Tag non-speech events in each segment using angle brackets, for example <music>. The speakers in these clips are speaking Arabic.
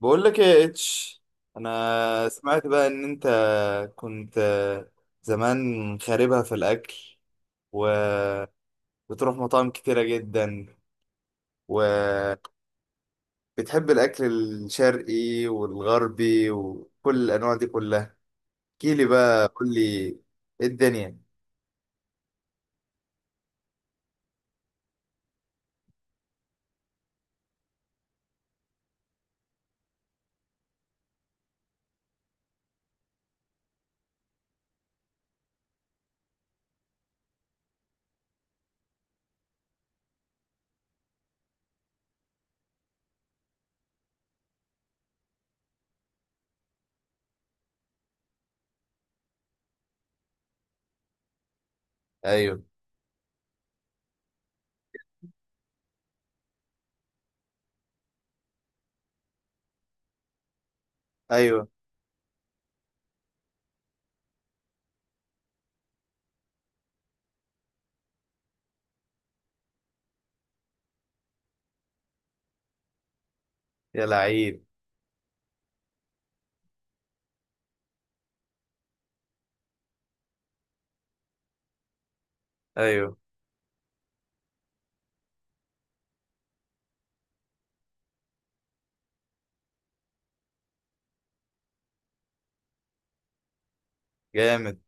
بقول لك ايه يا اتش، انا سمعت بقى ان انت كنت زمان خاربها في الاكل، وبتروح مطاعم كتيرة جدا، وبتحب الاكل الشرقي والغربي وكل الانواع دي كلها. احكيلي بقى، قول لي ايه الدنيا. ايوه. ايوه. يا لعيب. ايوه. جامد.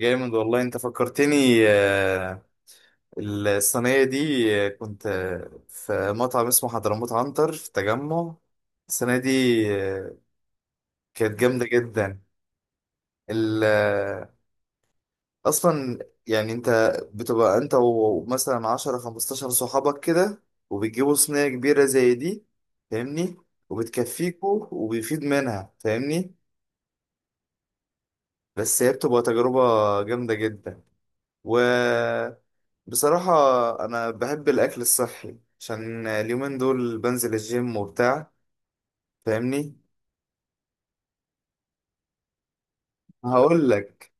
جامد والله، انت فكرتني. آه، الصينية دي، كنت في مطعم اسمه حضرموت عنتر في التجمع السنة دي، آه، كانت جامدة جدا. ال- آه، أصلا يعني انت بتبقى انت ومثلا 10 15 صحابك كده، وبتجيبوا صينية كبيرة زي دي، فاهمني؟ وبتكفيكوا وبيفيد منها، فاهمني؟ بس هي بتبقى تجربة جامدة جدا. وبصراحة أنا بحب الأكل الصحي عشان اليومين دول بنزل الجيم وبتاع، فاهمني؟ هقول لك،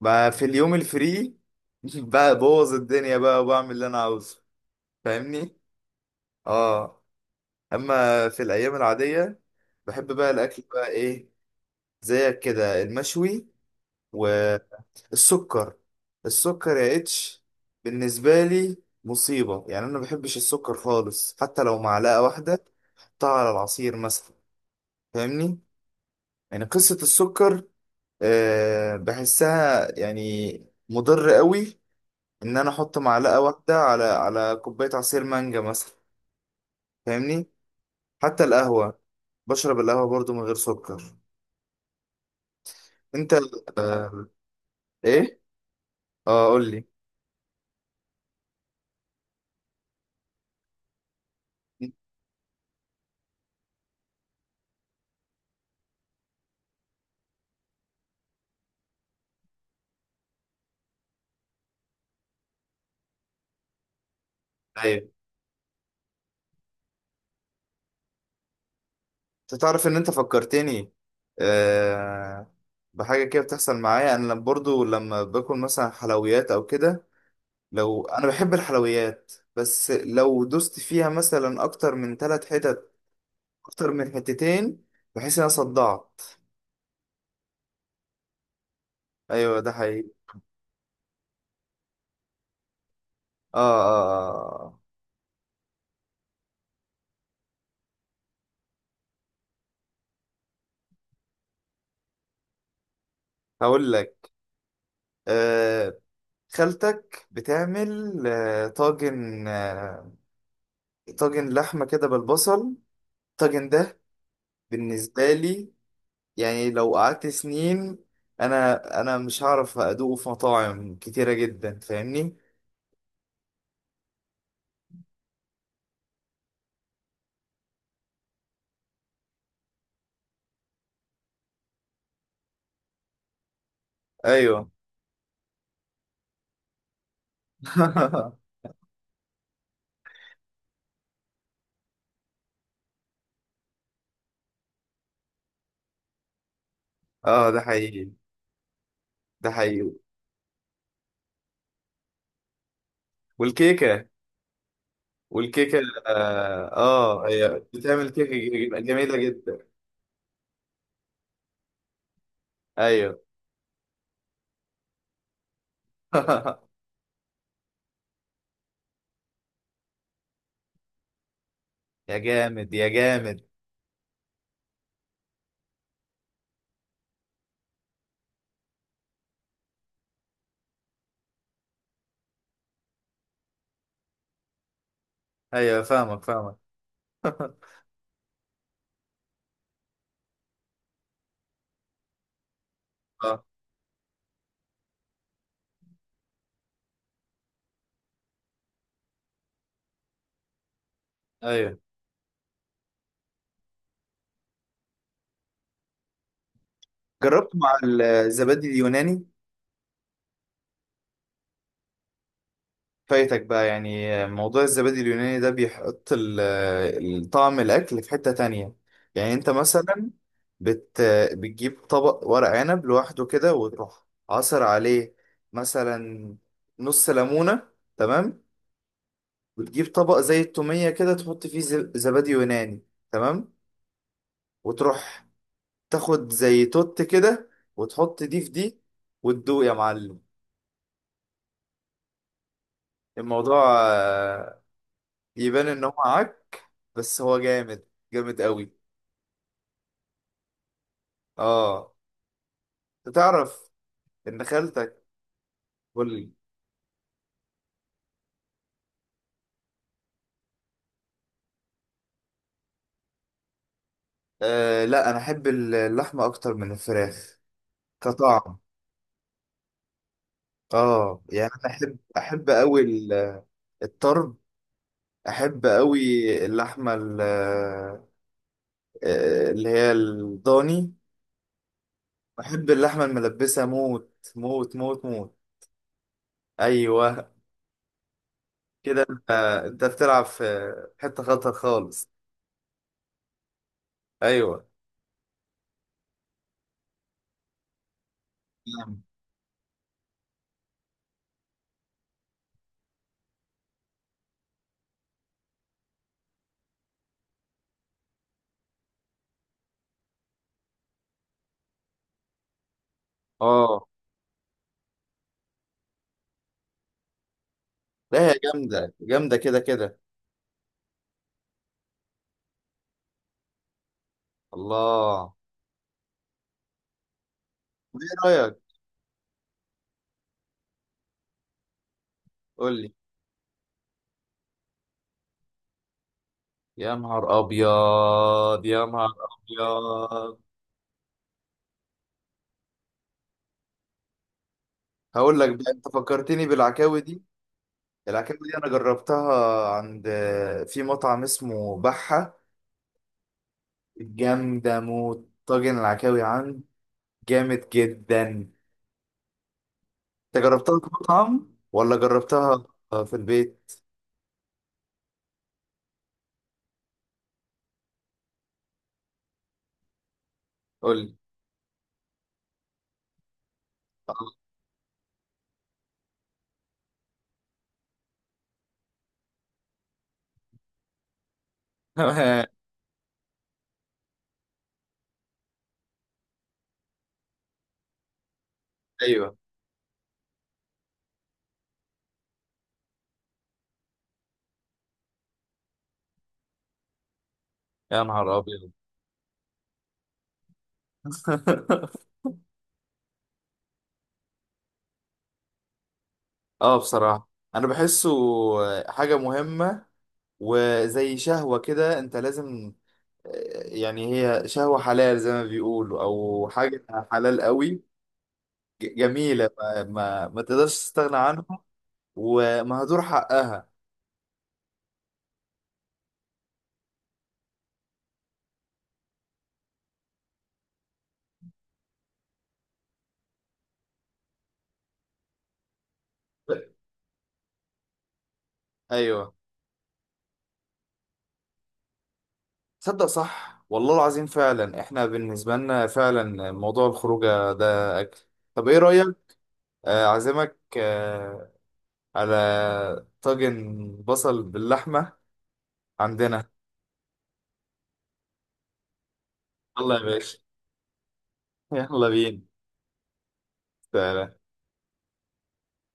بقى في اليوم الفري <laughs> ببوظ الدنيا بقى وبعمل اللي أنا عاوزه، فاهمني؟ اه. أما في الأيام العادية بحب بقى الأكل بقى إيه، زيك كده، المشوي. السكر، السكر يا اتش بالنسبة لي مصيبة. يعني أنا ما بحبش السكر خالص، حتى لو معلقة واحدة حطها على العصير مثلا، فاهمني؟ يعني قصة السكر، أه بحسها يعني مضر قوي، إن أنا أحط معلقة واحدة على كوباية عصير مانجا مثلا، فاهمني؟ حتى القهوة، بشرب القهوة برضو من غير سكر. أنت؟ إيه؟ آه قول لي. أيوه. انت تعرف ان انت فكرتني، آه، بحاجه كده بتحصل معايا انا، لما برضو لما باكل مثلا حلويات او كده. لو انا بحب الحلويات، بس لو دوست فيها مثلا اكتر من ثلاث حتت، اكتر من حتتين، بحيث ان انا صدعت. ايوه ده حقيقي. اه اه اه. آه. هقول لك. آه خالتك بتعمل طاجن لحمه كده بالبصل. الطاجن ده بالنسبه لي، يعني لو قعدت سنين انا مش هعرف ادوقه في مطاعم كتيرة جدا، فاهمني؟ ايوه. <laughs> اه ده حقيقي، ده حقيقي. والكيكة والكيكة. اه، هي بتعمل كيكة جميلة جميلة جدا. ايوه. <laughs> يا جامد يا جامد. ايوه فاهمك فاهمك. اه. ايوه جربت مع الزبادي اليوناني. فايتك بقى، يعني موضوع الزبادي اليوناني ده بيحط طعم الأكل في حتة تانية. يعني أنت مثلا بت بتجيب طبق ورق عنب لوحده كده، وتروح عصر عليه مثلا نص ليمونة، تمام؟ وتجيب طبق زي التومية كده تحط فيه زبادي يوناني، تمام؟ وتروح تاخد زي توت كده، وتحط دي في دي، وتدوق يا معلم. الموضوع يبان إن هو عك، بس هو جامد، جامد قوي. اه. تعرف ان خالتك؟ قول لي. آه لا، انا احب اللحمه اكتر من الفراخ كطعم. اه، يعني انا احب، احب قوي الطرب، احب قوي اللحمه اللي هي الضاني. احب اللحمه الملبسه، موت موت موت موت. ايوه. كده، انت بتلعب في حته خطر خالص. ايوه. نعم. اه لا، هي جامده جامده كده كده. الله. ايه رايك؟ قول لي. يا نهار ابيض، يا نهار ابيض. هقول لك بقى، انت فكرتني بالعكاوي دي. العكاوي دي انا جربتها عند، في مطعم اسمه بحة، جامدة موت. طاجن العكاوي عند جامد جدا. انت جربتها في مطعم ولا جربتها في البيت؟ قول لي. آه. <laughs> ايوه. يا نهار ابيض. <laughs> اه بصراحة انا بحسه حاجة مهمة، وزي شهوة كده، انت لازم. يعني هي شهوة حلال زي ما بيقولوا أو حاجة، حلال قوي، جميلة، ما تقدرش تستغنى عنها، ومهدور حقها. أيوه. تصدق صح، والله العظيم، فعلا إحنا بالنسبة لنا فعلا موضوع الخروجة ده أكل. طب إيه رأيك، أعزمك على طاجن بصل باللحمة عندنا. يلا يا باشا. <laughs> يلا بينا.